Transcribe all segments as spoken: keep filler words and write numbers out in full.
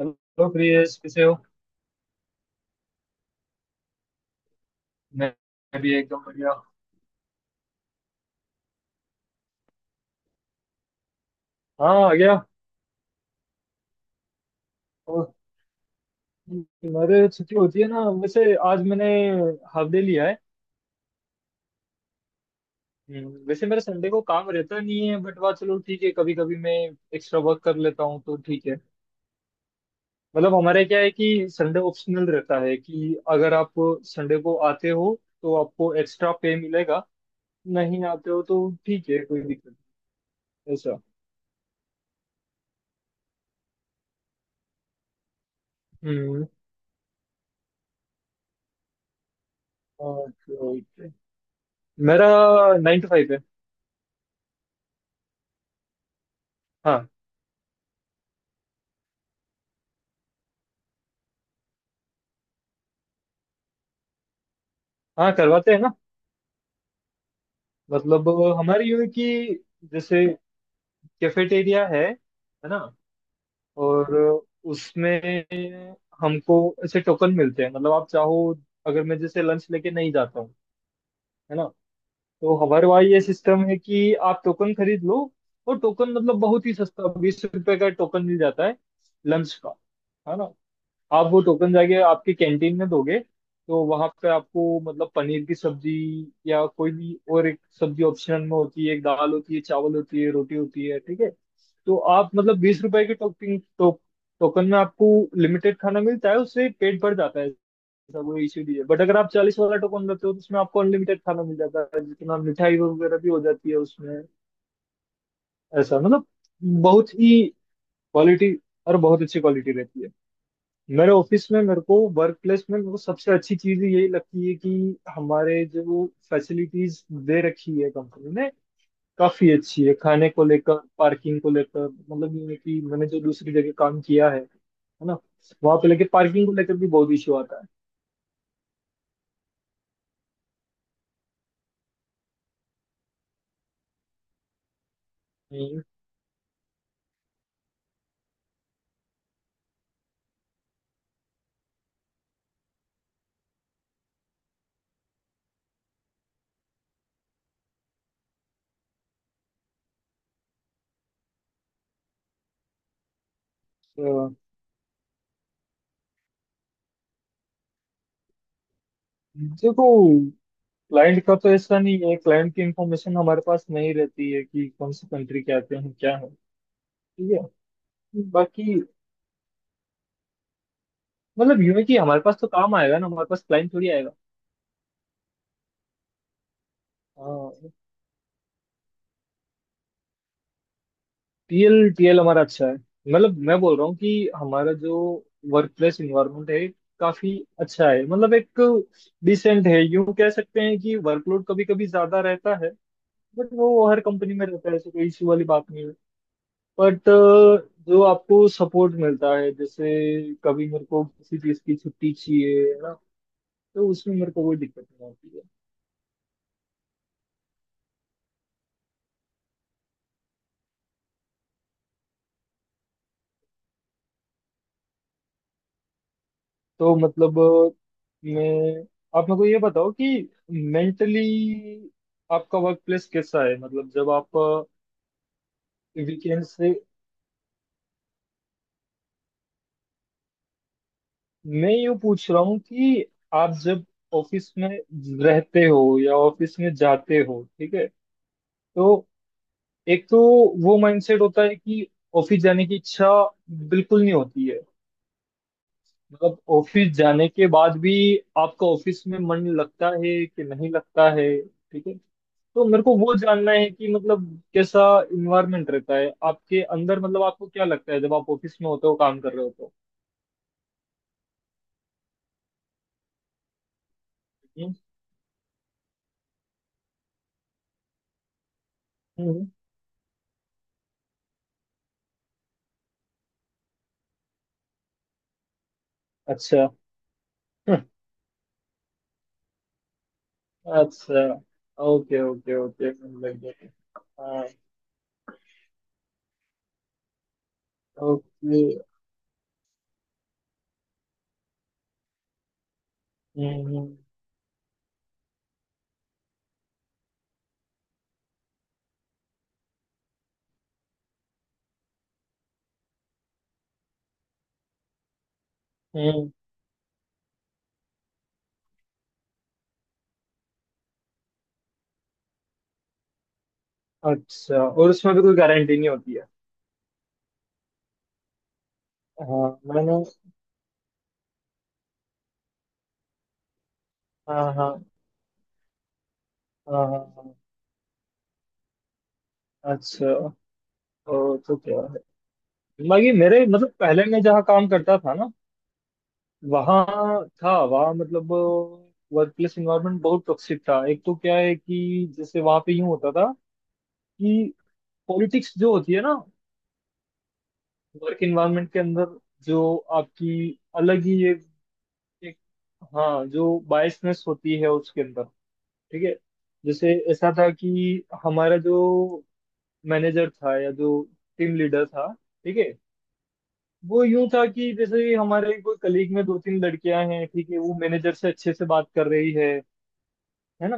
Hello Priyesh, कैसे हो। मैं मैं भी एकदम बढ़िया। हाँ, आ गया। और मेरे छुट्टी होती है ना, वैसे आज मैंने हाफ डे लिया है। हम्म, वैसे मेरे संडे को काम रहता नहीं है, बट वाह चलो ठीक है, कभी कभी मैं एक्स्ट्रा वर्क कर लेता हूँ तो ठीक है। मतलब हमारे क्या है कि संडे ऑप्शनल रहता है, कि अगर आप संडे को आते हो तो आपको एक्स्ट्रा पे मिलेगा। नहीं आते हो तो ठीक है, कोई दिक्कत नहीं, ऐसा। हम्म। Okay okay. मेरा नाइन टू फाइव है। हाँ, हाँ करवाते हैं ना। मतलब हमारी यूं है कि, जैसे कैफेटेरिया है है ना, और उसमें हमको ऐसे टोकन मिलते हैं। मतलब आप चाहो, अगर मैं जैसे लंच लेके नहीं जाता हूँ, है ना, तो हमारे वहाँ ये सिस्टम है कि आप टोकन खरीद लो। और टोकन मतलब बहुत ही सस्ता, बीस रुपए का टोकन मिल जाता है, लंच का, है ना। आप वो टोकन जाके आपके कैंटीन में दोगे तो वहां पे आपको मतलब पनीर की सब्जी या कोई भी और एक सब्जी ऑप्शनल में होती है, एक दाल होती है, चावल होती है, रोटी होती है, ठीक है। तो आप मतलब बीस रुपए के टोकन टो, टोकन में आपको लिमिटेड खाना मिलता है, उससे पेट भर जाता है। ऐसा कोई इश्यू नहीं है, बट अगर आप चालीस वाला टोकन लेते हो तो उसमें आपको अनलिमिटेड खाना मिल जाता है, जितना मिठाई वगैरह भी हो जाती है उसमें। ऐसा मतलब बहुत ही क्वालिटी, और बहुत अच्छी क्वालिटी रहती है। मेरे ऑफिस में, मेरे को वर्क प्लेस में, मेरे को सबसे अच्छी चीज यही लगती है कि हमारे जो फैसिलिटीज दे रखी है कंपनी ने, काफी अच्छी है, खाने को लेकर, पार्किंग को लेकर। मतलब ये है कि मैंने जो दूसरी जगह काम किया है है ना, वहां पे लेके पार्किंग को लेकर भी बहुत इश्यू आता है। अ, देखो, क्लाइंट का तो ऐसा नहीं है, क्लाइंट की इंफॉर्मेशन हमारे पास नहीं रहती है कि कौन सी कंट्री के आते हैं, क्या है। ठीक है, बाकी मतलब यूं है कि हमारे पास तो काम आएगा ना, हमारे पास क्लाइंट थोड़ी आएगा। टीएल टीएल हमारा अच्छा है। मतलब मैं बोल रहा हूँ कि हमारा जो वर्क प्लेस इन्वायरमेंट है, काफी अच्छा है। मतलब एक डिसेंट है यूं कह सकते हैं कि वर्कलोड कभी कभी ज्यादा रहता है, बट वो हर कंपनी में रहता है, ऐसे कोई इश्यू वाली बात नहीं है। बट जो आपको सपोर्ट मिलता है, जैसे कभी मेरे को किसी चीज की छुट्टी चाहिए है ना, तो उसमें मेरे को कोई दिक्कत नहीं आती है। तो मतलब, मैं, आप मेरे को ये बताओ कि मेंटली आपका वर्क प्लेस कैसा है। मतलब जब आप वीकेंड से, मैं यूं पूछ रहा हूँ कि आप जब ऑफिस में रहते हो या ऑफिस में जाते हो, ठीक है, तो एक तो वो माइंडसेट होता है कि ऑफिस जाने की इच्छा बिल्कुल नहीं होती है। मतलब ऑफिस जाने के बाद भी आपका ऑफिस में मन लगता है कि नहीं लगता है, ठीक है। तो मेरे को वो जानना है कि मतलब कैसा इन्वायरमेंट रहता है आपके अंदर, मतलब आपको क्या लगता है जब आप ऑफिस में होते हो, काम कर रहे हो तो। हम्म, हम्म, अच्छा। अच्छा। ओके ओके ओके, लग जाते। हाँ। ओके। हम्म हम्म, हम्म, अच्छा, और उसमें भी कोई गारंटी नहीं होती है। हाँ, मैंने। हाँ हाँ हाँ। हाँ हाँ, अच्छा। ओ तो क्या, बाकी मेरे मतलब, पहले मैं जहाँ काम करता था ना, वहाँ था, वहाँ मतलब वर्क प्लेस इन्वायरमेंट बहुत टॉक्सिक था। एक तो क्या है कि जैसे वहाँ पे यूँ होता था कि पॉलिटिक्स जो होती है ना, वर्क इन्वायरमेंट के अंदर, जो आपकी अलग ही एक, एक हाँ, जो बायसनेस होती है उसके अंदर, ठीक है। जैसे ऐसा था कि हमारा जो मैनेजर था, या जो टीम लीडर था, ठीक है, वो यूं था कि, जैसे हमारे कोई कलीग में दो तीन लड़कियां हैं, ठीक है, वो मैनेजर से अच्छे से बात कर रही है है ना,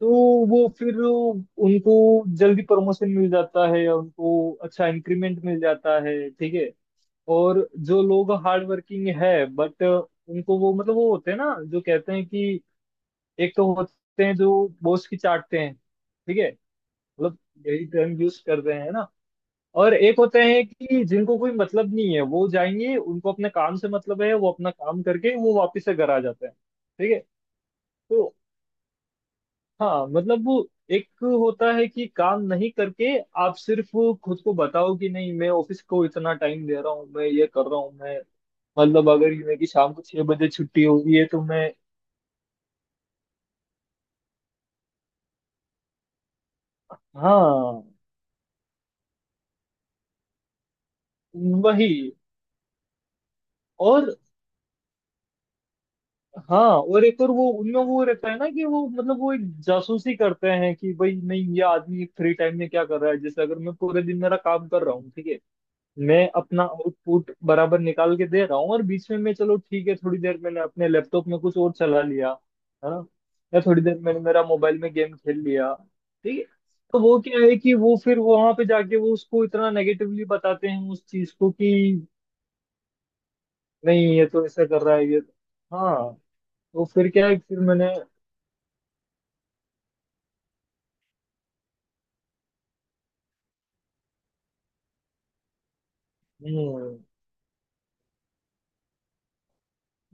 तो वो फिर उनको जल्दी प्रमोशन मिल जाता है या उनको अच्छा इंक्रीमेंट मिल जाता है, ठीक है। और जो लोग हार्ड वर्किंग है बट उनको वो मतलब, वो होते हैं ना जो कहते हैं कि एक तो होते हैं जो बॉस की चाटते हैं, ठीक है, मतलब यही टर्म यूज कर रहे हैं ना। और एक होते हैं कि जिनको कोई मतलब नहीं है, वो जाएंगे उनको अपने काम से मतलब है, वो अपना काम करके वो वापस से घर आ जाते हैं, ठीक है तो। हाँ मतलब वो एक होता है कि काम नहीं करके आप सिर्फ खुद को बताओ कि नहीं, मैं ऑफिस को इतना टाइम दे रहा हूँ, मैं ये कर रहा हूँ, मैं, मतलब अगर ये मेरी शाम को छह बजे छुट्टी होगी है तो मैं, हाँ वही, और हाँ और एक और वो उनमें वो रहता है ना कि वो मतलब वो एक जासूसी करते हैं कि भाई नहीं, ये आदमी फ्री टाइम में क्या कर रहा है, जैसे अगर मैं पूरे दिन मेरा काम कर रहा हूँ, ठीक है, मैं अपना आउटपुट बराबर निकाल के दे रहा हूँ, और बीच में मैं, चलो ठीक है, थोड़ी देर मैंने अपने लैपटॉप में कुछ और चला लिया, है ना, या थोड़ी देर मैंने मेरा मोबाइल में गेम खेल लिया, ठीक है। तो वो क्या है कि वो फिर वहां पे जाके वो उसको इतना नेगेटिवली बताते हैं उस चीज को कि, नहीं ये तो ऐसा कर रहा है, ये तो, हाँ। तो फिर क्या है, फिर मैंने, हम्म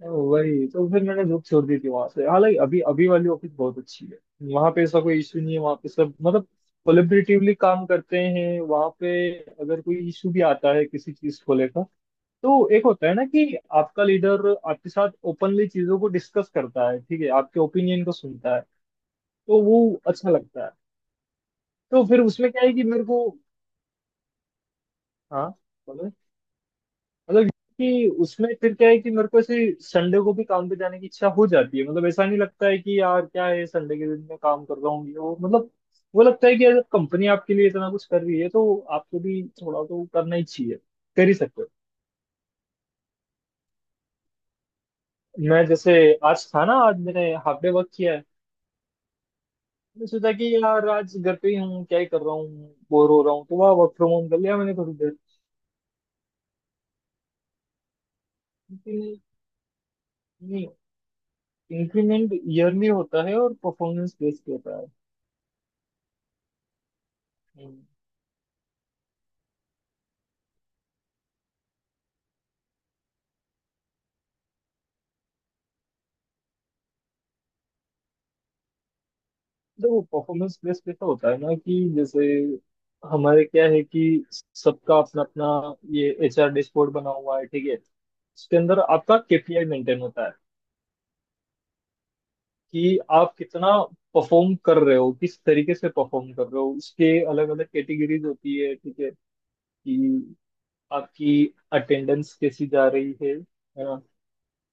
वही तो फिर मैंने जॉब छोड़ दी थी वहां से। हालांकि अभी अभी वाली ऑफिस बहुत अच्छी है। वहां पे ऐसा कोई इशू नहीं है, वहां पे सब मतलब कोलेबरेटिवली काम करते हैं वहां पे। अगर कोई इशू भी आता है किसी चीज को लेकर, तो एक होता है ना कि आपका लीडर आपके साथ ओपनली चीजों को डिस्कस करता है, ठीक है, आपके ओपिनियन को सुनता है, तो वो अच्छा लगता है। तो फिर उसमें क्या है कि मेरे को, हाँ मतलब, कि उसमें फिर क्या है कि मेरे को ऐसे संडे को भी काम पे जाने की इच्छा हो जाती है। मतलब ऐसा नहीं लगता है कि यार क्या है संडे के दिन मैं काम कर रहा हूँ, ये वो मतलब, वो लगता है कि यार कंपनी आपके लिए इतना कुछ कर रही है, तो आपको भी थोड़ा तो करना ही चाहिए, कर ही सकते हो। मैं जैसे आज था ना, आज मैंने हाफ डे वर्क किया है। मैंने सोचा कि यार आज घर पे ही हूँ, क्या ही कर रहा हूँ, बोर हो रहा हूँ, तो वह वर्क फ्रॉम होम कर लिया मैंने थोड़ी देर। लेकिन नहीं, इंक्रीमेंट ईयरली होता है और परफॉर्मेंस बेस्ड होता है। हम्म। देखो, परफॉर्मेंस बेस्ड पे तो होता है ना कि जैसे हमारे क्या है कि सबका अपना अपना ये एच आर डैशबोर्ड बना हुआ है, ठीक है, उसके अंदर आपका के पी आई मेंटेन होता है। कि आप कितना परफॉर्म कर रहे हो, किस तरीके से परफॉर्म कर रहे हो, उसके अलग अलग कैटेगरीज होती है, ठीक है, कि आपकी अटेंडेंस कैसी जा रही है है ना,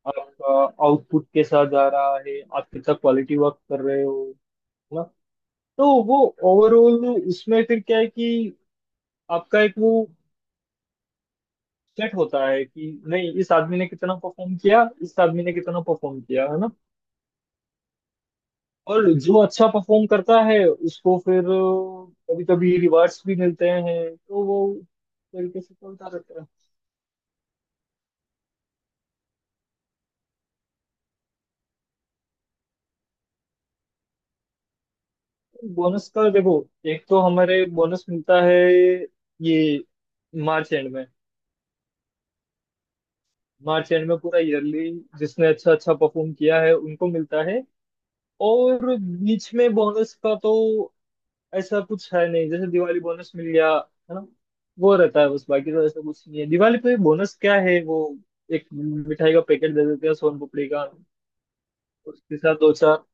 आपका आउटपुट कैसा जा रहा है, आप कितना क्वालिटी वर्क कर रहे हो, है ना। तो वो ओवरऑल उसमें फिर क्या है कि आपका एक वो सेट होता है कि नहीं इस आदमी ने कितना परफॉर्म किया, इस आदमी ने कितना परफॉर्म किया, है ना। और जो अच्छा परफॉर्म करता है उसको फिर कभी कभी रिवार्ड्स भी मिलते हैं, तो वो तरीके से चलता रहता है। बोनस का देखो, एक तो हमारे बोनस मिलता है ये मार्च एंड में। मार्च एंड में पूरा ईयरली जिसने अच्छा अच्छा परफॉर्म किया है उनको मिलता है। और बीच में बोनस का तो ऐसा कुछ है नहीं, जैसे दिवाली बोनस मिल गया है ना, वो रहता है बस, बाकी तो ऐसा कुछ नहीं है। दिवाली पे बोनस क्या है, वो एक मिठाई का पैकेट दे देते हैं सोन पापड़ी का, उसके साथ दो चार।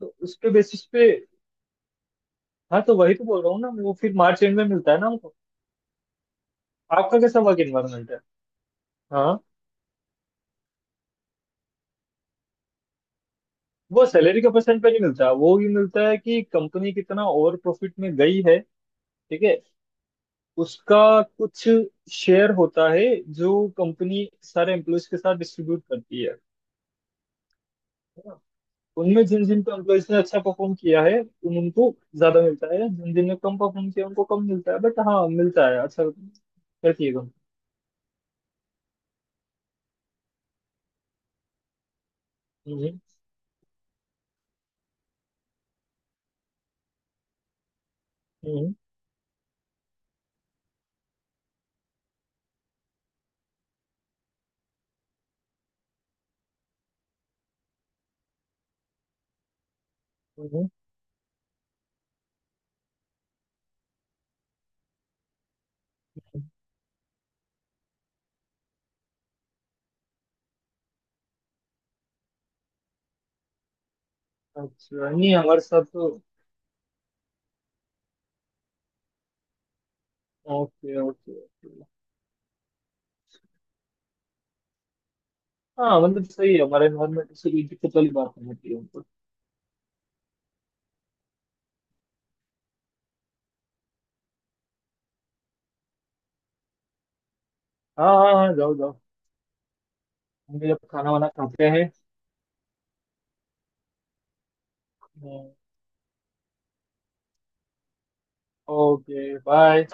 तो उसके बेसिस पे, हाँ तो वही तो बोल रहा हूँ ना, वो फिर मार्च एंड में मिलता है ना हमको। आपका कैसा वर्क एनवायरमेंट है। हाँ, वो सैलरी का परसेंट पे नहीं मिलता, वो भी मिलता है कि कंपनी कितना ओवर प्रॉफिट में गई है, ठीक है, उसका कुछ शेयर होता है जो कंपनी सारे एम्प्लॉयज के साथ डिस्ट्रीब्यूट करती है, उनमें जिन जिन एम्प्लॉयज ने अच्छा परफॉर्म किया है उन उनको ज्यादा मिलता है, जिन जिन ने कम परफॉर्म किया उनको कम मिलता है, बट हाँ मिलता है, अच्छा करती है। हम्म हम्म हम्म। हम्म। अच्छा, नहीं हमारे साथ तो। Okay okay okay. हाँ मतलब सही है, हमारा एनवायरमेंट से कोई दिक्कत वाली बात नहीं होती है उनको। हाँ हाँ हाँ, जाओ जाओ। हम भी अब खाना वाना खाते हैं। हम्म, ओके, बाय।